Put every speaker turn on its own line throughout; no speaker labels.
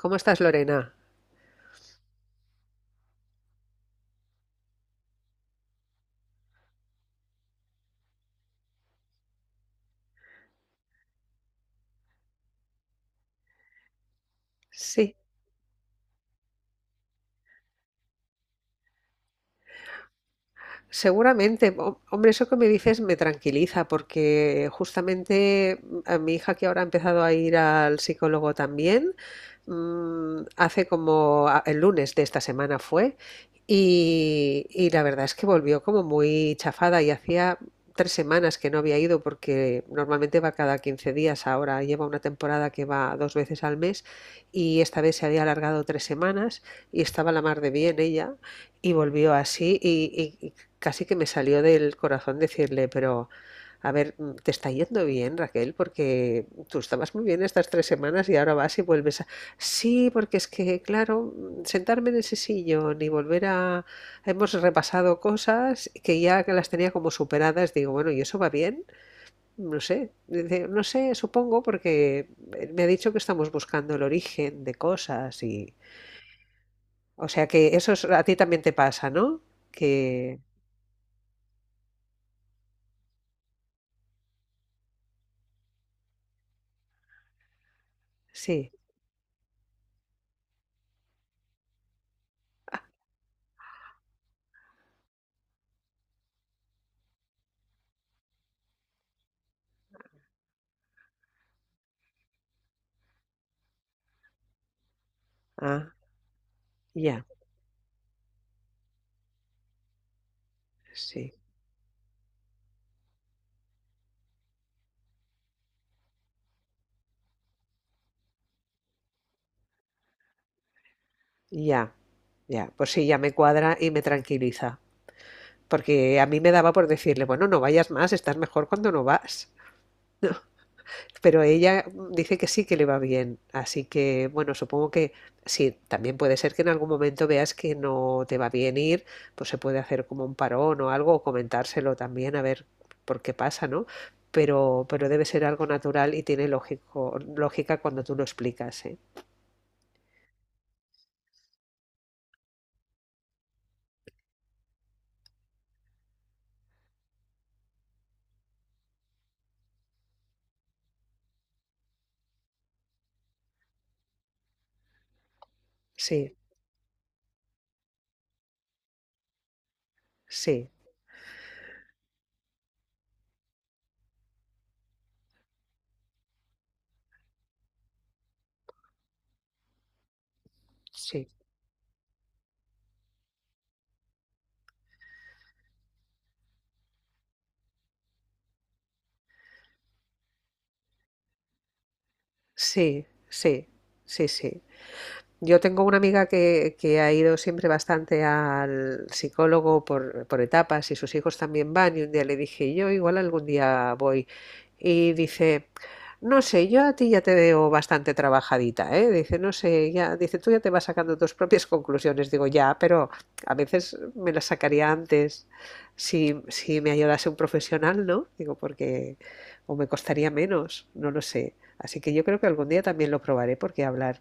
¿Cómo estás, Lorena? Sí, seguramente. Hombre, eso que me dices me tranquiliza porque justamente, a mi hija, que ahora ha empezado a ir al psicólogo también, hace como el lunes de esta semana fue. Y la verdad es que volvió como muy chafada, y hacía 3 semanas que no había ido porque normalmente va cada 15 días; ahora lleva una temporada que va dos veces al mes y esta vez se había alargado 3 semanas, y estaba la mar de bien ella y volvió así, y- casi que me salió del corazón decirle: pero a ver, te está yendo bien, Raquel, porque tú estabas muy bien estas 3 semanas y ahora vas y vuelves a... Sí, porque es que, claro, sentarme en ese sillón y volver a... Hemos repasado cosas que ya las tenía como superadas. Digo, bueno, ¿y eso va bien? No sé, dice, no sé, supongo, porque me ha dicho que estamos buscando el origen de cosas y... O sea que eso, a ti también te pasa, ¿no? Que sí, ah, ya. Sí, ya, ya. Pues sí, ya me cuadra y me tranquiliza. Porque a mí me daba por decirle, bueno, no vayas más, estás mejor cuando no vas. Pero ella, dice que sí, que le va bien. Así que, bueno, supongo que sí, también puede ser que en algún momento veas que no te va bien ir, pues se puede hacer como un parón o algo, o comentárselo también, a ver por qué pasa, ¿no? Pero debe ser algo natural y tiene lógico, lógica, cuando tú lo explicas, ¿eh? Sí, sí, sí. Sí, sí, sí, sí. Yo tengo una amiga que ha ido siempre bastante al psicólogo por etapas, y sus hijos también van, y un día le dije: yo igual algún día voy. Y dice, no sé, yo a ti ya te veo bastante trabajadita, ¿eh? Dice, no sé, ya, dice, tú ya te vas sacando tus propias conclusiones. Digo, ya, pero a veces me las sacaría antes si, si me ayudase un profesional, ¿no? Digo, porque, o me costaría menos, no lo sé. Así que yo creo que algún día también lo probaré, porque hablar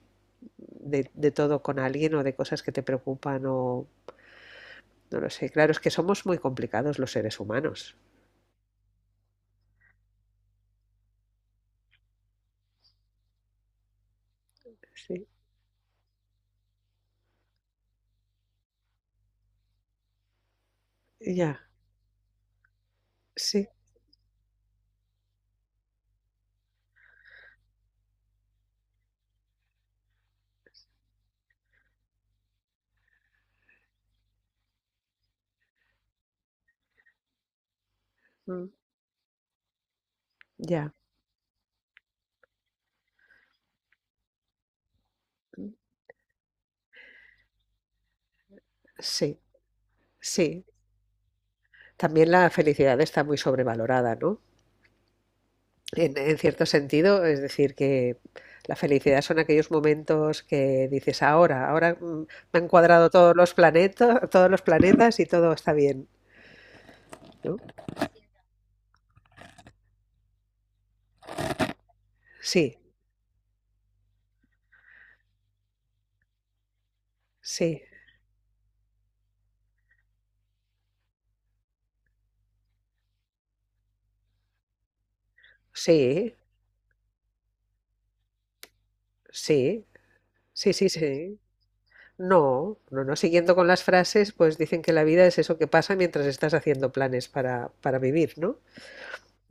de todo con alguien, o de cosas que te preocupan, o no lo sé. Claro, es que somos muy complicados los seres humanos. Sí, ya, sí, mm, ya, sí, sí. También la felicidad está muy sobrevalorada, ¿no? En cierto sentido, es decir, que la felicidad son aquellos momentos que dices: ahora, ahora, me han cuadrado todos los planetas y todo está bien, ¿no? Sí, sí, sí, sí, sí, sí, sí. No, no, no. Siguiendo con las frases, pues dicen que la vida es eso que pasa mientras estás haciendo planes para vivir, ¿no?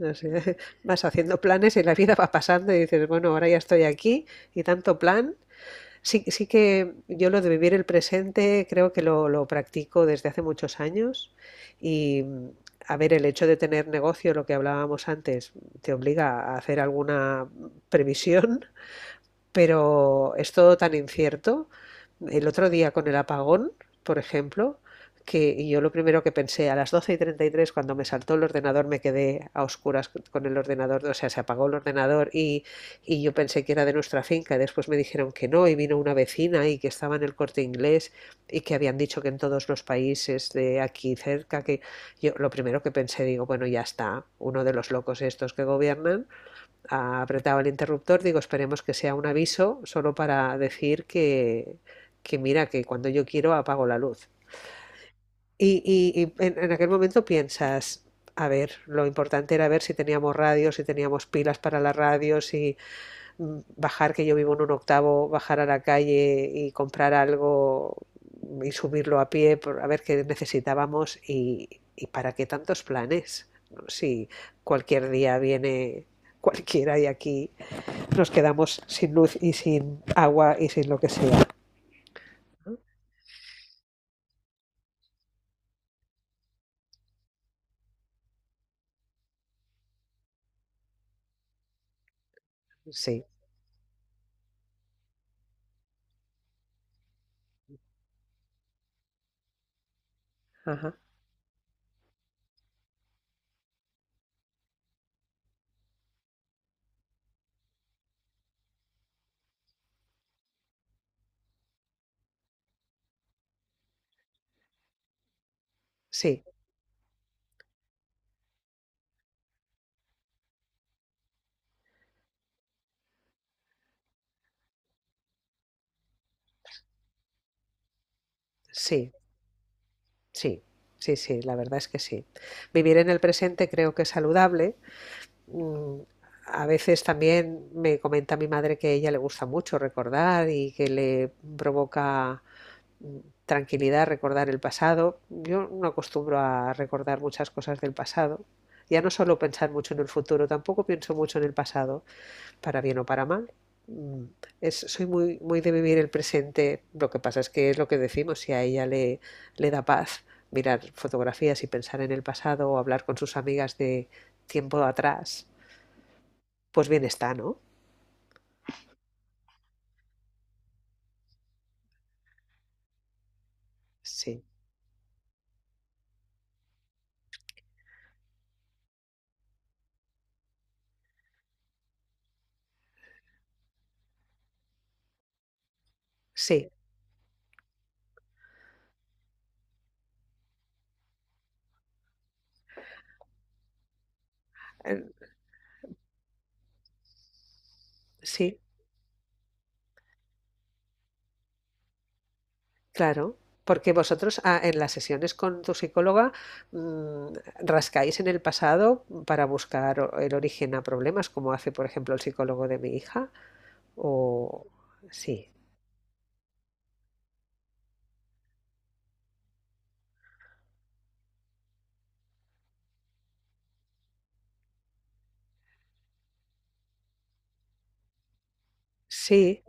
O sea, vas haciendo planes y la vida va pasando y dices, bueno, ahora ya estoy aquí y tanto plan. Sí, sí que yo lo de vivir el presente creo que lo practico desde hace muchos años, y a ver, el hecho de tener negocio, lo que hablábamos antes, te obliga a hacer alguna previsión, pero es todo tan incierto. El otro día con el apagón, por ejemplo, que yo lo primero que pensé, a las 12:33, cuando me saltó el ordenador, me quedé a oscuras con el ordenador, o sea, se apagó el ordenador, y yo pensé que era de nuestra finca, y después me dijeron que no, y vino una vecina, y que estaba en el Corte Inglés, y que habían dicho que en todos los países de aquí cerca. Que yo lo primero que pensé, digo, bueno, ya está, uno de los locos estos que gobiernan apretaba el interruptor. Digo, esperemos que sea un aviso solo para decir que, mira, que cuando yo quiero apago la luz. Y en aquel momento piensas, a ver, lo importante era ver si teníamos radio, si teníamos pilas para la radio, si bajar, que yo vivo en un octavo, bajar a la calle y comprar algo y subirlo a pie, a ver qué necesitábamos, y para qué tantos planes, ¿no? Si cualquier día viene cualquiera y aquí nos quedamos sin luz y sin agua y sin lo que sea. ¿No? Sí, ajá, sí, sí, sí, sí, sí, la verdad es que sí. Vivir en el presente creo que es saludable. Mm, A veces también me comenta mi madre que a ella le gusta mucho recordar, y que le provoca, mm, tranquilidad, recordar el pasado. Yo no acostumbro a recordar muchas cosas del pasado. Ya no solo pensar mucho en el futuro, tampoco pienso mucho en el pasado, para bien o para mal. Mm, soy muy, muy de vivir el presente. Lo que pasa es que es lo que decimos, si a ella le da paz mirar fotografías y pensar en el pasado, o hablar con sus amigas de tiempo atrás, pues bien está, ¿no? Sí, sí, eh, sí, claro. Porque vosotros, en las sesiones con tu psicóloga, mm, rascáis en el pasado para buscar el origen a problemas, como hace, por ejemplo, el psicólogo de mi hija, o sí. Sí.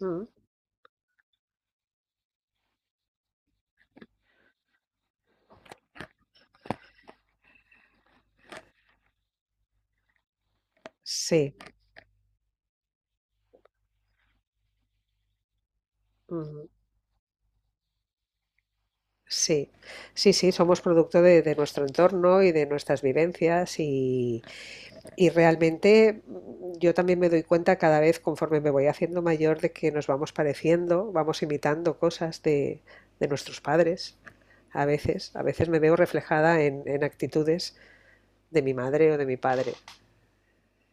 Mm. Sí, ujú. Sí, sí, sí, somos producto de nuestro entorno y de nuestras vivencias, y realmente, yo también me doy cuenta, cada vez conforme me voy haciendo mayor, de que nos vamos pareciendo, vamos imitando cosas de nuestros padres. A veces me veo reflejada en actitudes de mi madre o de mi padre.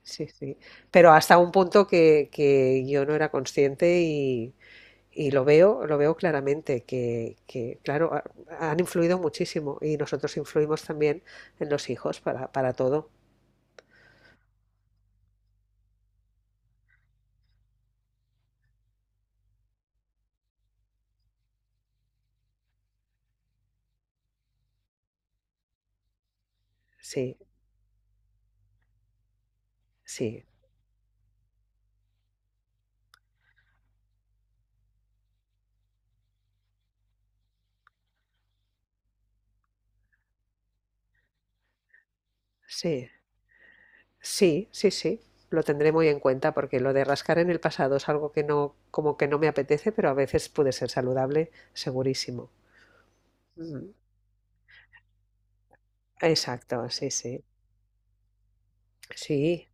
Sí, sí. Pero hasta un punto que yo no era consciente. Y lo veo claramente, que, claro, han influido muchísimo, y nosotros influimos también en los hijos para todo. Sí, sí, sí, sí, sí, sí. Lo tendré muy en cuenta porque lo de rascar en el pasado es algo que no, como que no me apetece, pero a veces puede ser saludable, segurísimo. Ujú. Exacto, sí, sí. Sí,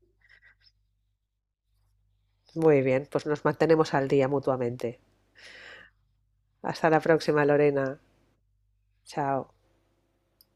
muy bien, pues nos mantenemos al día mutuamente. Hasta la próxima, Lorena. Chao.